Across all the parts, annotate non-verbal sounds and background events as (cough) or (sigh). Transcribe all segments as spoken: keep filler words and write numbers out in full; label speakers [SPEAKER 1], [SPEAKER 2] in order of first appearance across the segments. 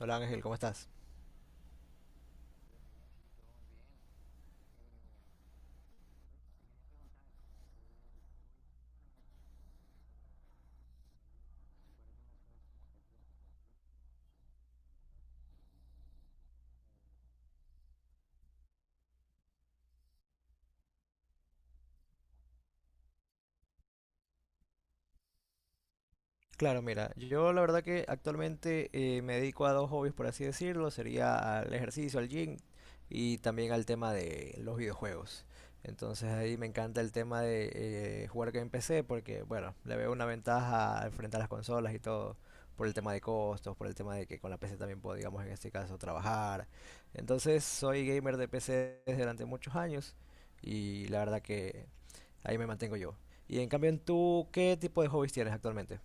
[SPEAKER 1] Hola Ángel, ¿cómo estás? Claro, mira, yo la verdad que actualmente eh, me dedico a dos hobbies, por así decirlo, sería al ejercicio, al gym y también al tema de los videojuegos. Entonces ahí me encanta el tema de eh, jugar que en P C porque, bueno, le veo una ventaja al frente a las consolas y todo, por el tema de costos, por el tema de que con la P C también puedo, digamos, en este caso, trabajar. Entonces soy gamer de P C desde durante muchos años y la verdad que Ahí me mantengo yo. Y en cambio, ¿en tú qué tipo de hobbies tienes actualmente?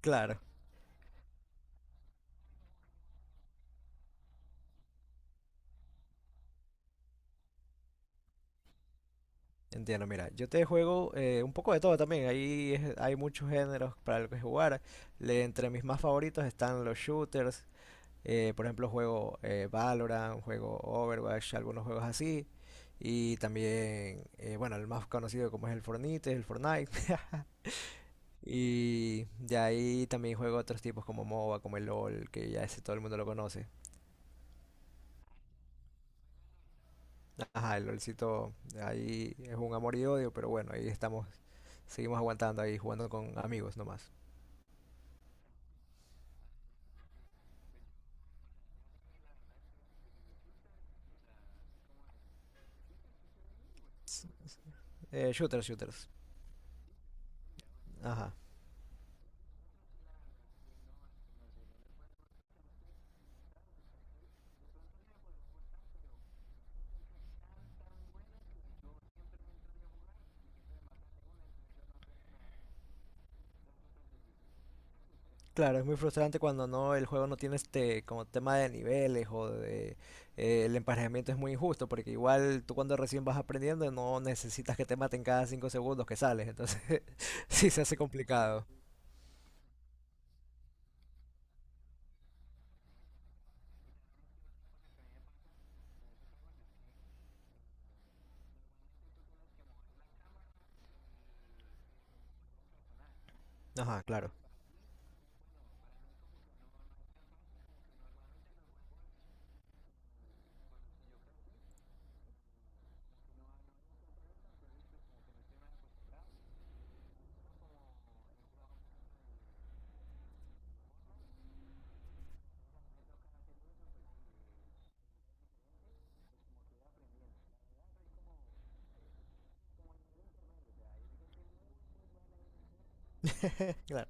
[SPEAKER 1] Claro. Entiendo, mira, yo te juego eh, un poco de todo también. Ahí es- hay muchos géneros para los que jugar. Le- entre mis más favoritos están los shooters. Eh, por ejemplo, juego eh, Valorant, juego Overwatch, algunos juegos así. Y también, eh, bueno, el más conocido como es el Fortnite, el Fortnite. (laughs) Y de ahí también juego otros tipos como MOBA, como el LOL, que ya ese todo el mundo lo conoce. Ajá, el LOLcito ahí es un amor y odio, pero bueno, ahí estamos, seguimos aguantando ahí jugando con amigos nomás. Eh, shooters, shooters. Ajá. Claro, es muy frustrante cuando no el juego no tiene este como tema de niveles o de eh, el emparejamiento es muy injusto porque igual tú cuando recién vas aprendiendo no necesitas que te maten cada cinco segundos que sales, entonces (laughs) sí se hace complicado. Ajá, claro. Claro.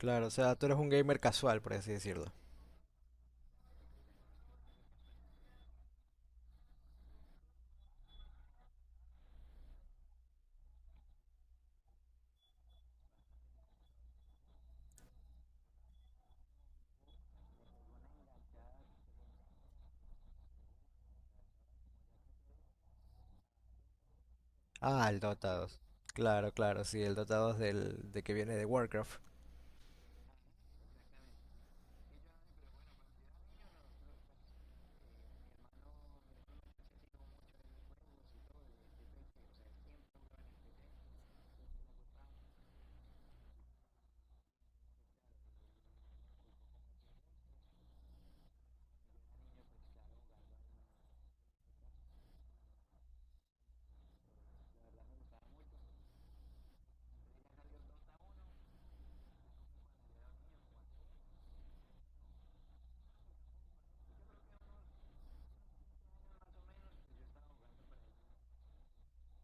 [SPEAKER 1] Claro, o sea, tú eres un gamer casual, por así decirlo. Ah, el Dota dos. Claro, claro, sí, el Dota dos del, de que viene de Warcraft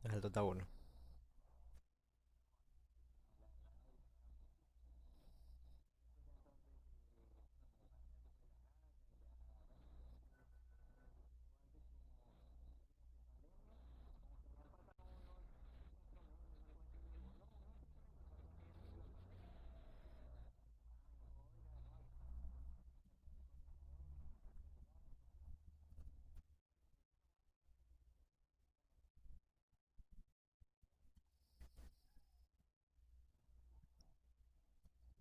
[SPEAKER 1] es el Dota uno.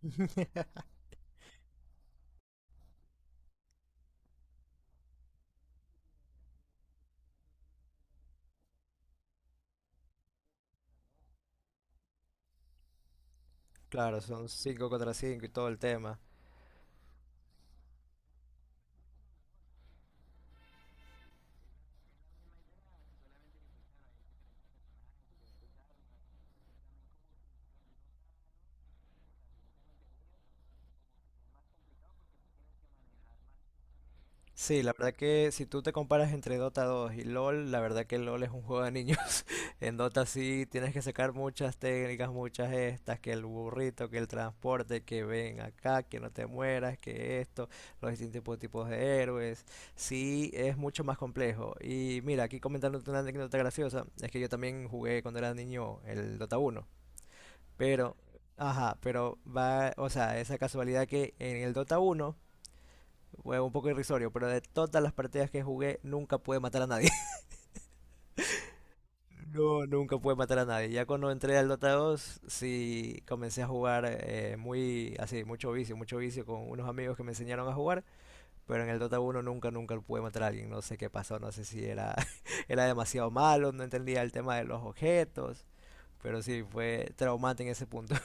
[SPEAKER 1] (laughs) Claro, son cinco contra cinco y todo el tema. Sí, la verdad que si tú te comparas entre Dota dos y LoL, la verdad que LoL es un juego de niños. (laughs) En Dota sí tienes que sacar muchas técnicas, muchas estas, que el burrito, que el transporte, que ven acá, que no te mueras, que esto, los distintos tipo- tipos de héroes. Sí, es mucho más complejo. Y mira, aquí comentándote una anécdota graciosa, es que yo también jugué cuando era niño el Dota uno, pero... Ajá, pero va, o sea, esa casualidad que en el Dota uno fue un poco irrisorio, pero de todas las partidas que jugué, nunca pude matar a nadie. (laughs) No, nunca pude matar a nadie. Ya cuando entré al Dota dos, sí comencé a jugar eh, muy, así, mucho vicio, mucho vicio con unos amigos que me enseñaron a jugar, pero en el Dota uno nunca, nunca pude matar a alguien. No sé qué pasó, no sé si era, (laughs) era demasiado malo, no entendía el tema de los objetos, pero sí, fue traumante en ese punto.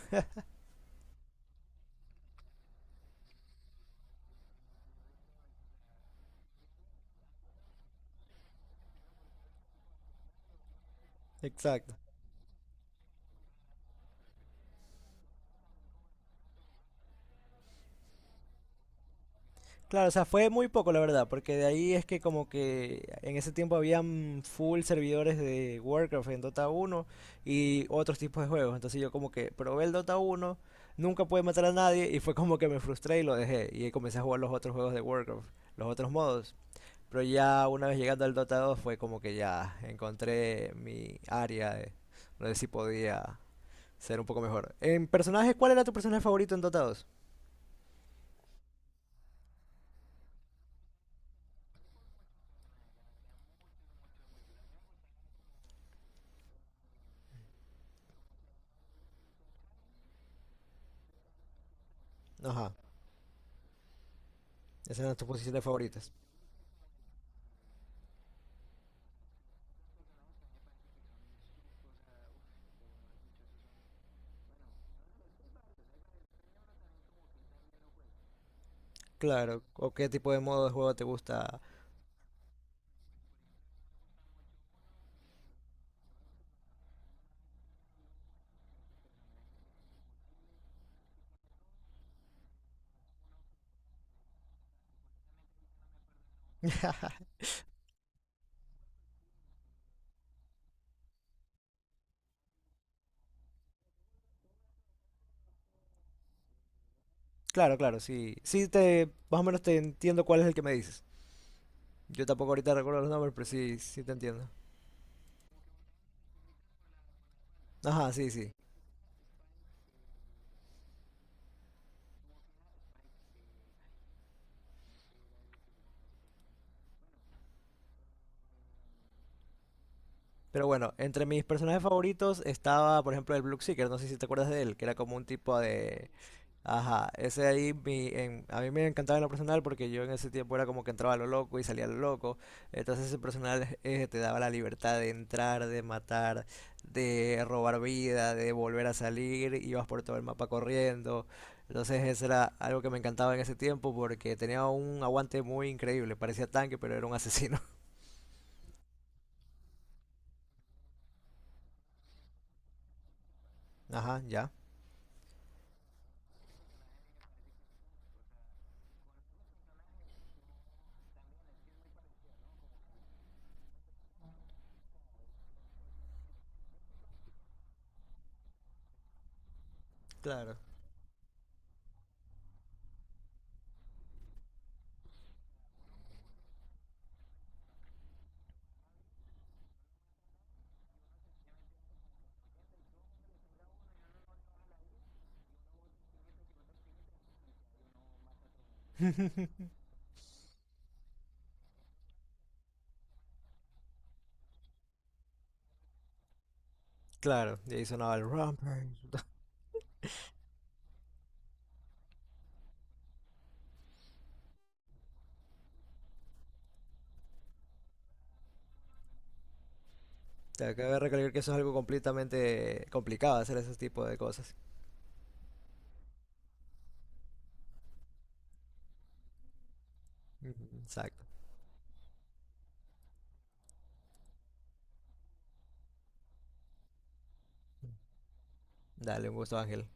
[SPEAKER 1] (laughs) Exacto. Claro, o sea, fue muy poco la verdad, porque de ahí es que como que en ese tiempo habían full servidores de Warcraft en Dota uno y otros tipos de juegos. Entonces yo como que probé el Dota uno, nunca pude matar a nadie y fue como que me frustré y lo dejé. Y ahí comencé a jugar los otros juegos de Warcraft, los otros modos. Pero ya una vez llegando al Dota dos fue como que ya encontré mi área de no sé si podía ser un poco mejor. En personajes, ¿cuál era tu personaje favorito en Dota dos? Ajá, esas eran tus posiciones favoritas. Claro, o qué tipo de modo de juego te gusta. (laughs) Claro, claro, sí. Sí te, más o menos te entiendo cuál es el que me dices. Yo tampoco ahorita recuerdo los nombres, pero sí, sí te entiendo. Ajá, sí, sí. Pero bueno, entre mis personajes favoritos estaba, por ejemplo, el Blue Seeker, no sé si te acuerdas de él, que era como un tipo de... Ajá, ese ahí mi- en- a mí me encantaba en lo personal porque yo en ese tiempo era como que entraba a lo loco y salía a lo loco. Entonces ese personal eh, te daba la libertad de entrar, de matar, de robar vida, de volver a salir, ibas por todo el mapa corriendo. Entonces eso era algo que me encantaba en ese tiempo porque tenía un aguante muy increíble, parecía tanque pero era un asesino. (laughs) Ajá, ya. Claro. Claro, y ahí sonaba el romper. Te acabo de recalcar que eso es algo completamente complicado hacer ese tipo de cosas. Ujú, exacto. Dale, un gusto, Ángel.